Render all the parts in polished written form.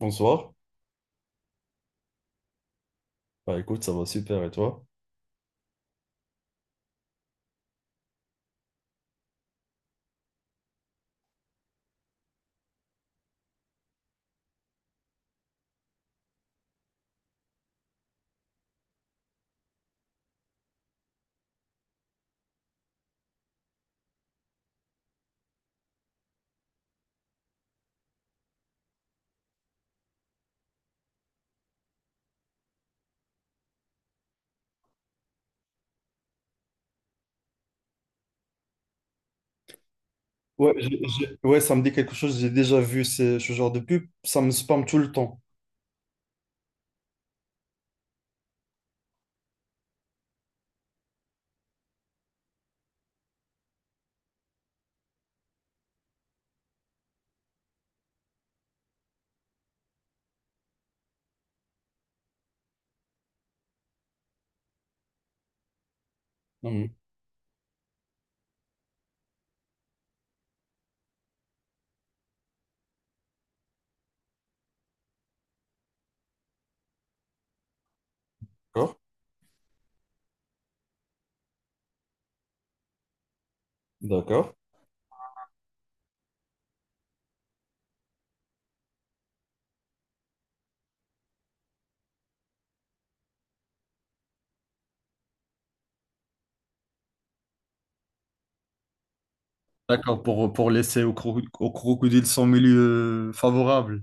Bonsoir. Bah écoute, ça va super et toi? Ouais, ouais, ça me dit quelque chose. J'ai déjà vu ce genre de pub. Ça me spamme tout le temps. Mhm. D'accord. D'accord. D'accord, pour laisser au crocodile son milieu favorable.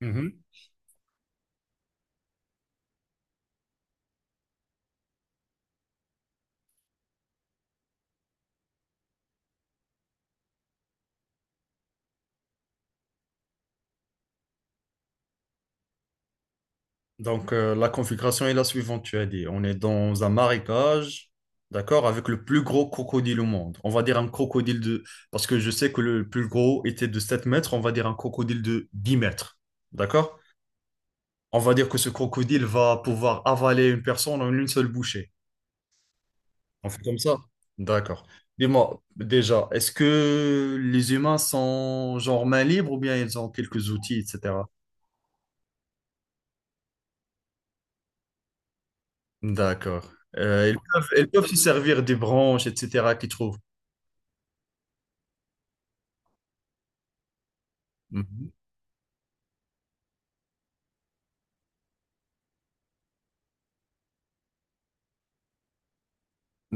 Mhm. Donc la configuration est la suivante, tu as dit. On est dans un marécage, d'accord, avec le plus gros crocodile au monde. On va dire un crocodile de... Parce que je sais que le plus gros était de 7 mètres, on va dire un crocodile de 10 mètres. D'accord? On va dire que ce crocodile va pouvoir avaler une personne en une seule bouchée. On fait comme ça? D'accord. Dis-moi, déjà, est-ce que les humains sont genre main libre ou bien ils ont quelques outils, etc. D'accord. Ils peuvent se servir des branches, etc. qu'ils trouvent. Mhm.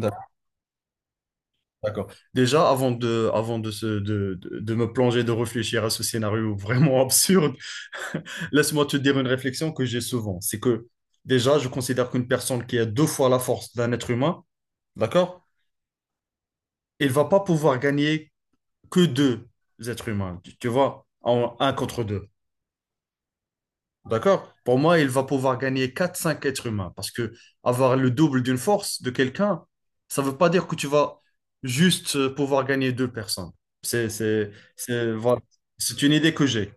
D'ac- D'accord. Déjà, avant de me plonger, de réfléchir à ce scénario vraiment absurde, laisse-moi te dire une réflexion que j'ai souvent. C'est que déjà, je considère qu'une personne qui a deux fois la force d'un être humain, d'accord? Il va pas pouvoir gagner que deux êtres humains, tu vois, en un contre deux. D'accord? Pour moi, il va pouvoir gagner quatre, cinq êtres humains parce que avoir le double d'une force de quelqu'un, ça veut pas dire que tu vas juste pouvoir gagner deux personnes. C'est, c'est, c'est, voilà. C'est une idée que j'ai.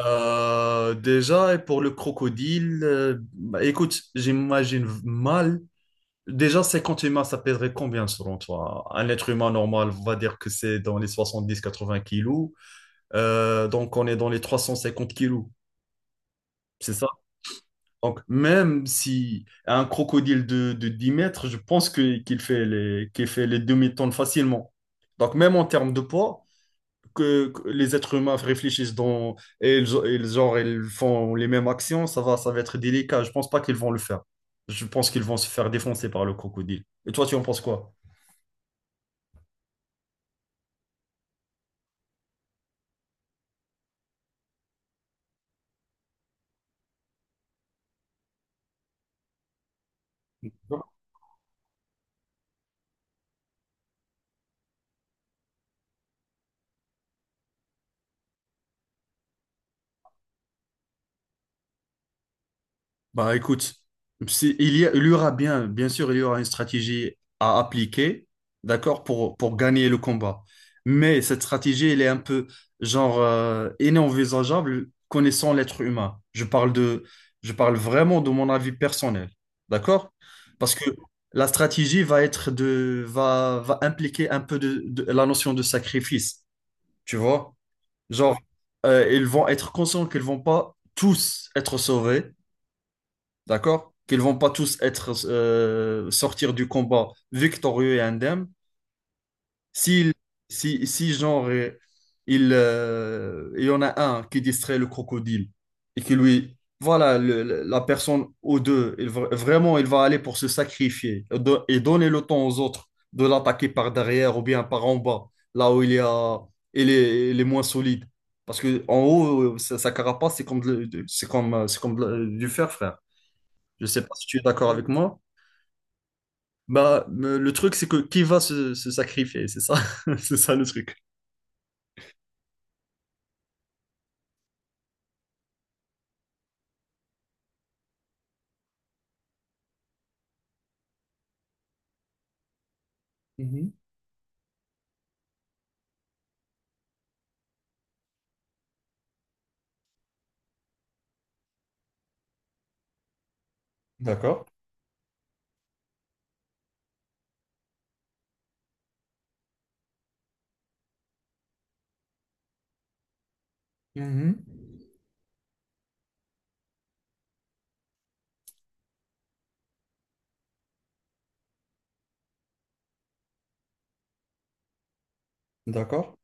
Déjà, et pour le crocodile, bah, écoute, j'imagine mal. Déjà, 50 humains, ça pèserait combien selon toi? Un être humain normal, on va dire que c'est dans les 70, 80 kilos. Donc, on est dans les 350 kilos, c'est ça? Donc, même si un crocodile de 10 mètres, je pense que qu'il fait les demi-tonnes facilement. Donc, même en termes de poids, que les êtres humains réfléchissent dans, et genre, ils font les mêmes actions, ça va être délicat. Je pense pas qu'ils vont le faire. Je pense qu'ils vont se faire défoncer par le crocodile. Et toi, tu en penses quoi? Bah écoute, il y aura bien, bien sûr, il y aura une stratégie à appliquer, d'accord, pour gagner le combat. Mais cette stratégie, elle est un peu, genre, inenvisageable connaissant l'être humain. Je parle vraiment de mon avis personnel, d'accord? Parce que la stratégie va impliquer un peu de la notion de sacrifice, tu vois? Genre, ils vont être conscients qu'ils vont pas tous être sauvés, d'accord? Qu'ils vont pas tous être sortir du combat victorieux et indemne. Si, si, genre, il y en a un qui distrait le crocodile et qui lui voilà la personne ou deux, vraiment il va aller pour se sacrifier et et donner le temps aux autres de l'attaquer par derrière ou bien par en bas, là où il y a il est moins solide. Parce que en haut, sa carapace, c'est comme du fer, frère. Je sais pas si tu es d'accord avec moi. Bah, le truc, c'est que qui va se sacrifier, c'est ça, c'est ça le truc. D'accord. Mhm. D'accord.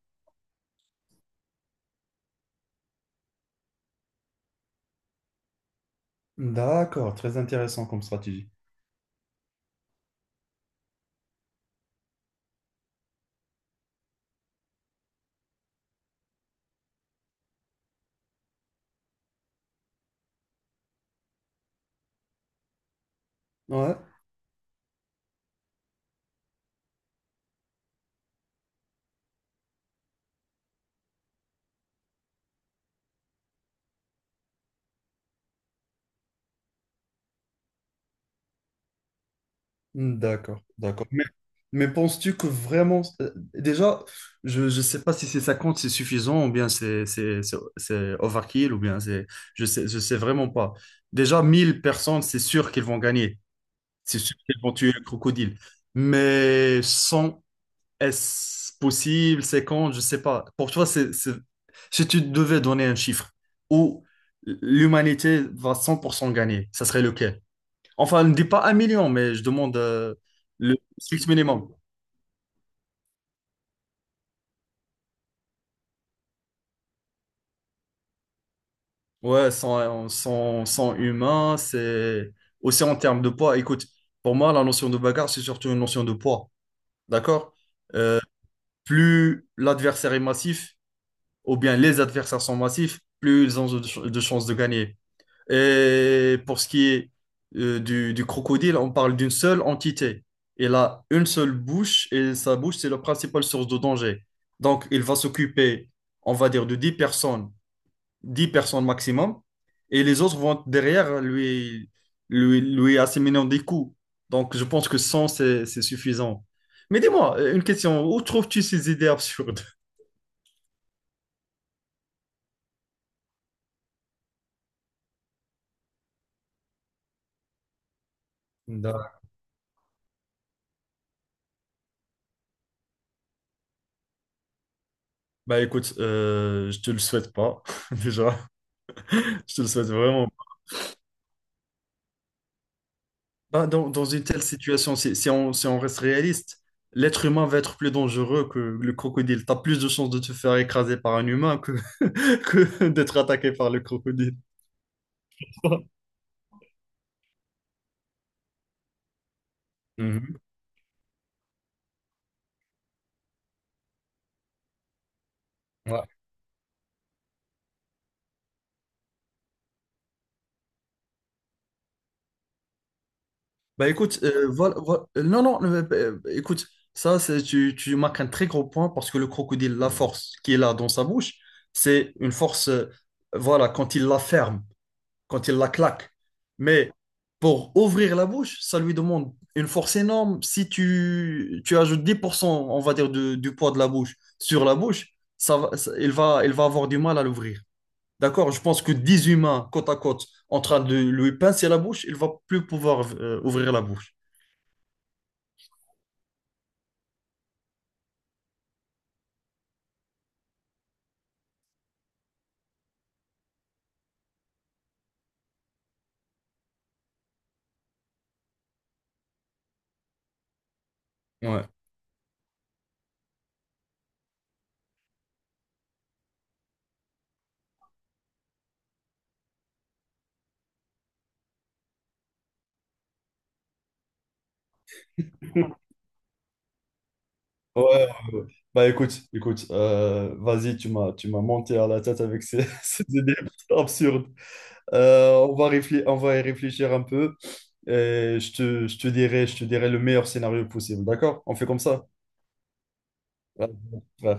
D'accord. Très intéressant comme stratégie. Ouais. D'accord. D'accord. Mais, penses-tu que vraiment... déjà, je ne sais pas si c'est 50, c'est suffisant, ou bien c'est overkill, ou bien c'est... Je sais vraiment pas. Déjà, 1000 personnes, c'est sûr qu'ils vont gagner. C'est sûr qu'ils vont tuer le crocodile. Mais 100. Est-ce possible? C'est quand? Je sais pas. Pour toi, si tu devais donner un chiffre où l'humanité va 100% gagner, ça serait lequel? Enfin, ne dis pas 1 million, mais je demande le strict minimum. Ouais, sans humain, c'est aussi en termes de poids. Écoute, pour moi, la notion de bagarre, c'est surtout une notion de poids. D'accord? Plus l'adversaire est massif, ou bien les adversaires sont massifs, plus ils ont de chances de gagner. Et pour ce qui est du crocodile, on parle d'une seule entité. Il a une seule bouche et sa bouche, c'est la principale source de danger. Donc, il va s'occuper, on va dire, de 10 personnes, 10 personnes maximum, et les autres vont derrière lui, lui asséminer des coups. Donc, je pense que 100 c'est suffisant. Mais dis-moi, une question, où trouves-tu ces idées absurdes? D'accord. Bah écoute, je te le souhaite pas, déjà. Je te le souhaite vraiment. Bah, dans une telle situation, si on reste réaliste, l'être humain va être plus dangereux que le crocodile. T'as plus de chances de te faire écraser par un humain que, que d'être attaqué par le crocodile. Mhm. Ouais. Bah écoute, voilà, non, non, écoute, tu marques un très gros point parce que le crocodile, la force qu'il a dans sa bouche, c'est une force, voilà, quand il la ferme, quand il la claque. Mais pour ouvrir la bouche, ça lui demande une force énorme. Si tu ajoutes 10%, on va dire, du poids de la bouche sur la bouche, il va avoir du mal à l'ouvrir. D'accord? Je pense que 10 humains côte à côte en train de lui pincer la bouche, il va plus pouvoir ouvrir la bouche. Ouais. Ouais, ouais, ouais. Bah écoute, vas-y, tu m'as monté à la tête avec ces, ces idées absurdes. On va réfléchir, on va y réfléchir un peu. Et je te dirai le meilleur scénario possible. D'accord? On fait comme ça. Ouais. Ouais.